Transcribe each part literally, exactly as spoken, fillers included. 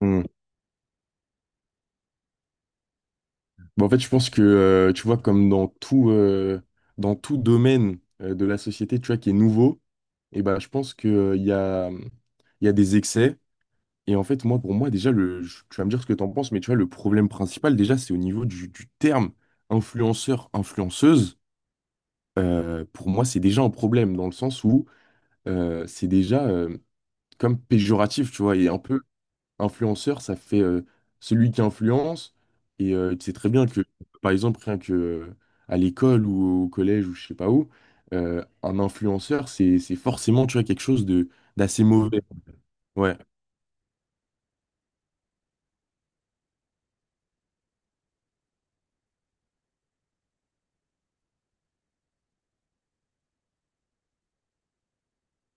Hmm. Bah, en fait, je pense que, euh, tu vois, comme dans tout, euh, dans tout domaine euh, de la société, tu vois, qui est nouveau, et bah, je pense que, euh, il y a, mmh, il y a des excès. Et en fait, moi, pour moi, déjà, le, je- tu vas me dire ce que tu en penses, mais tu vois, le problème principal, déjà, c'est au niveau du, du terme influenceur, influenceuse. Euh, pour moi, c'est déjà un problème, dans le sens où euh, c'est déjà euh, comme péjoratif, tu vois, et un peu. Influenceur, ça fait euh, celui qui influence. Et euh, tu sais très bien que, par exemple, rien que euh, à l'école ou au collège ou je sais pas où, euh, un influenceur, c'est, c'est forcément, tu vois, quelque chose de d'assez mauvais. Ouais.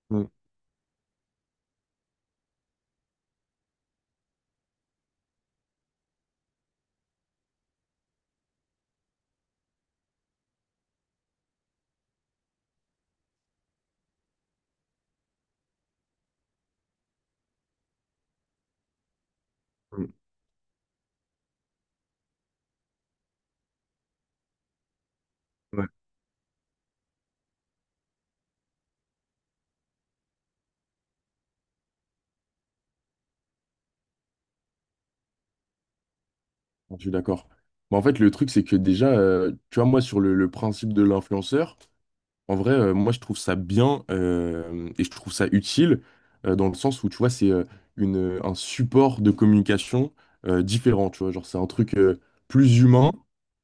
Mm, mm, ouais. Je suis d'accord. Mais en fait, le truc, c'est que déjà, euh, tu vois, moi, sur le, le principe de l'influenceur. En vrai, euh, moi, je trouve ça bien euh, et je trouve ça utile euh, dans le sens où, tu vois, c'est euh, une, euh, un support de communication euh, différent, tu vois. Genre, c'est un truc euh, plus humain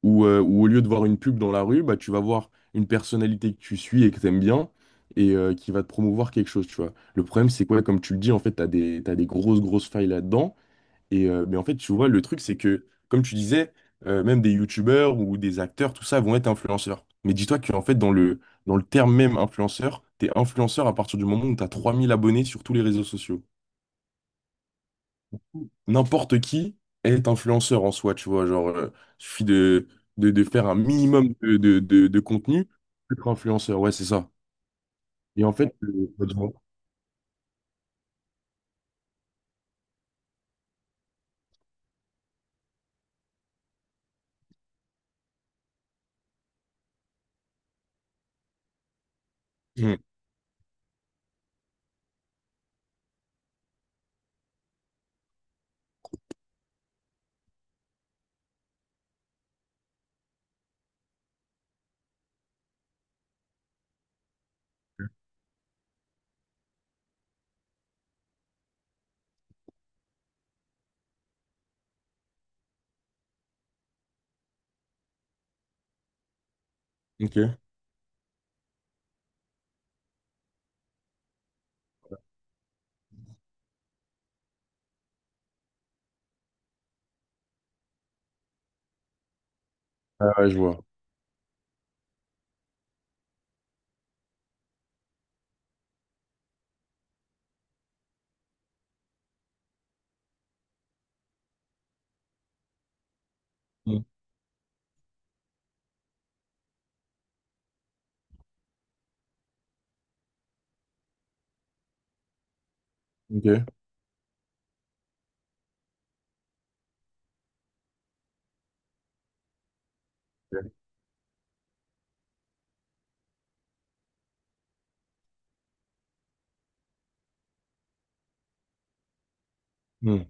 où, euh, où au lieu de voir une pub dans la rue, bah, tu vas voir une personnalité que tu suis et que t'aimes bien et euh, qui va te promouvoir quelque chose, tu vois. Le problème, c'est quoi? Comme tu le dis, en fait, t'as des, t'as des grosses, grosses failles là-dedans. Et, euh, mais en fait, tu vois, le truc, c'est que, comme tu disais, euh, même des youtubeurs ou des acteurs, tout ça, vont être influenceurs. Mais dis-toi qu'en fait, dans le, dans le terme même influenceur, t'es influenceur à partir du moment où t'as trois mille abonnés sur tous les réseaux sociaux. N'importe qui est influenceur en soi, tu vois. Genre, euh, suffit de, de, de faire un minimum de, de, de, de contenu pour être influenceur. Ouais, c'est ça. Et en fait, euh, bah, dis. Hmm, ok. Ah ouais, je vois. Hmm, ok. Hmm,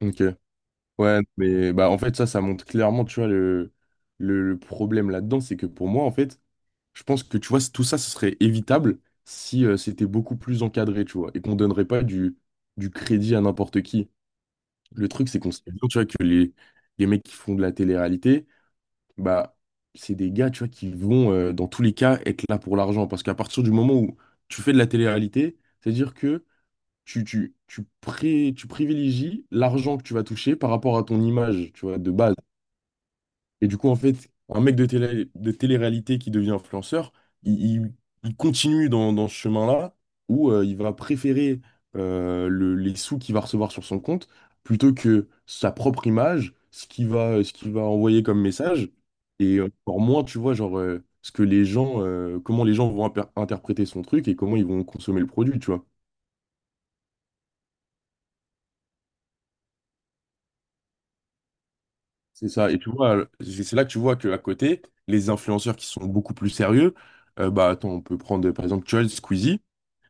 ok. Ouais, mais bah en fait ça, ça montre clairement, tu vois, le, le, le problème là-dedans, c'est que pour moi, en fait, je pense que tu vois, c- tout ça, ce serait évitable si euh, c'était beaucoup plus encadré, tu vois, et qu'on donnerait pas du, du crédit à n'importe qui. Le truc, c'est qu'on sait bien, tu vois, que les, les mecs qui font de la télé-réalité, bah, c'est des gars, tu vois, qui vont, euh, dans tous les cas, être là pour l'argent. Parce qu'à partir du moment où tu fais de la télé-réalité, c'est-à-dire que tu, tu, tu, pré- tu privilégies l'argent que tu vas toucher par rapport à ton image, tu vois, de base. Et du coup, en fait, un mec de télé, de télé-réalité qui devient influenceur, il, il- il continue dans, dans ce chemin-là où euh, il va préférer euh, le- les sous qu'il va recevoir sur son compte plutôt que sa propre image, ce qu'il va, ce qu'il va envoyer comme message. Et euh, encore moins, tu vois, genre, euh, ce que les gens, euh, comment les gens vont imper- interpréter son truc et comment ils vont consommer le produit, tu vois. C'est ça. Et tu vois, euh, c'est c'est là que tu vois qu'à côté, les influenceurs qui sont beaucoup plus sérieux, euh, bah attends, on peut prendre euh, par exemple Chol, Squeezie,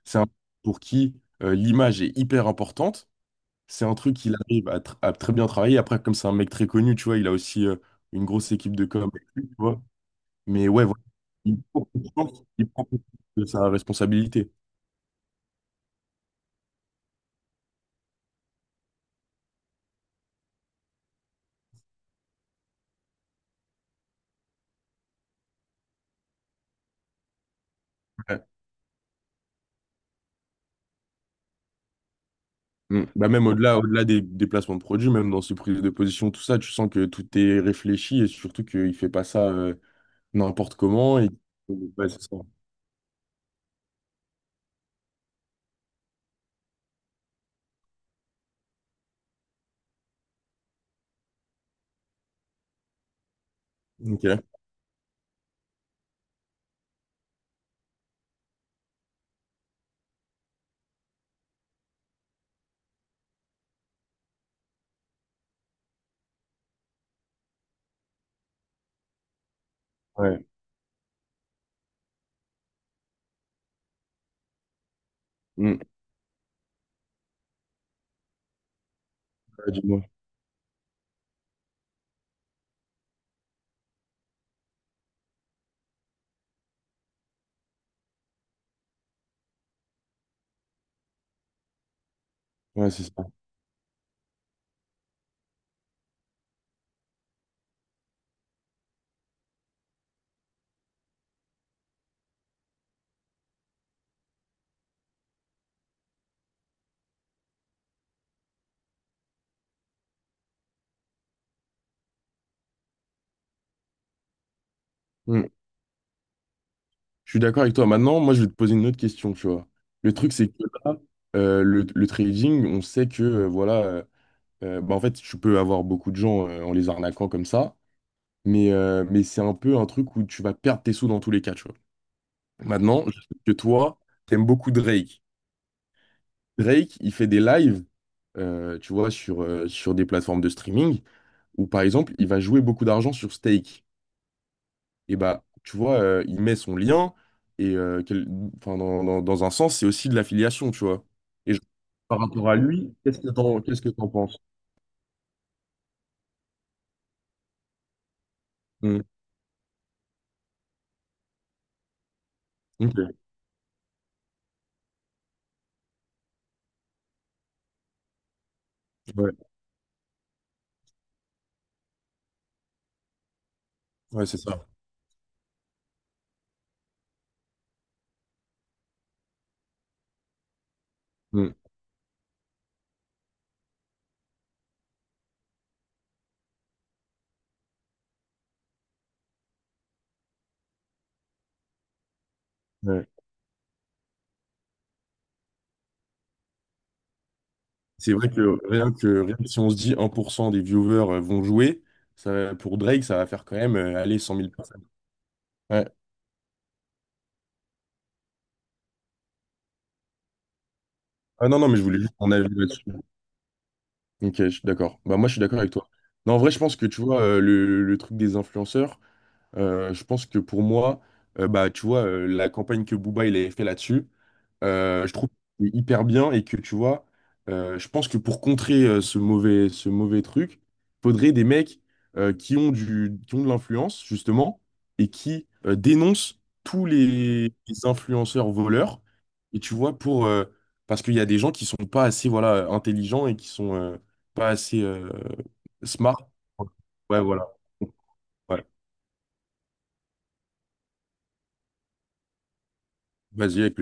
c'est un pour qui euh, l'image est hyper importante. C'est un truc qu'il arrive à, tr- à très bien travailler. Après, comme c'est un mec très connu, tu vois, il a aussi euh, une grosse équipe de com, avec lui, tu vois. Mais ouais, voilà, il prend conscience il prend conscience de sa responsabilité. Ouais. Mm. Bah même au-delà, au-delà des, des placements de produits, même dans ses prises de position, tout ça, tu sens que tout est réfléchi et surtout qu'il fait pas ça, euh, n'importe comment. Et... Ouais, c'est ça. Ok. Ouais. Mm. Ouais, dis-moi. Ouais, c'est ça. Mm. Je suis d'accord avec toi. Maintenant, moi, je vais te poser une autre question, tu vois. Le truc, c'est que là, euh, le, le trading, on sait que, euh, voilà, euh, euh, bah, en fait, tu peux avoir beaucoup de gens euh, en les arnaquant comme ça, mais, euh, mais c'est un peu un truc où tu vas perdre tes sous dans tous les cas, tu vois. Maintenant, je sais que toi, t'aimes beaucoup Drake. Drake, il fait des lives, euh, tu vois, sur, euh, sur des plateformes de streaming où, par exemple, il va jouer beaucoup d'argent sur stake. Et bah, tu vois, euh, il met son lien, et euh, quel- enfin, dans, dans- dans un sens, c'est aussi de l'affiliation, tu vois. Et je- par rapport à lui, qu'est-ce que t'en, qu'est-ce que t'en penses? Hmm. Ok, ouais, ouais, c'est ça. Hmm. Ouais. C'est vrai que rien que, rien que si on se dit un pour cent des viewers euh, vont jouer, ça, pour Drake, ça va faire quand même euh, aller cent mille personnes. Ouais. Ah non, non, mais je voulais juste ton avis là. Ok, je suis d'accord. Bah, moi, je suis d'accord avec toi. Non, en vrai, je pense que, tu vois, euh, le, le truc des influenceurs, euh, je pense que pour moi, euh, bah, tu vois, euh, la campagne que Booba, il avait fait là-dessus, euh, je trouve que c'est hyper bien et que, tu vois, euh, je pense que pour contrer euh, ce mauvais, ce mauvais truc, faudrait des mecs euh, qui ont du, qui ont de l'influence, justement, et qui euh, dénoncent tous les, les influenceurs voleurs. Et tu vois, pour... euh, parce qu'il y a des gens qui sont pas assez, voilà, intelligents et qui sont... euh, pas assez euh, smart. Ouais, voilà. Ouais. Vas-y, avec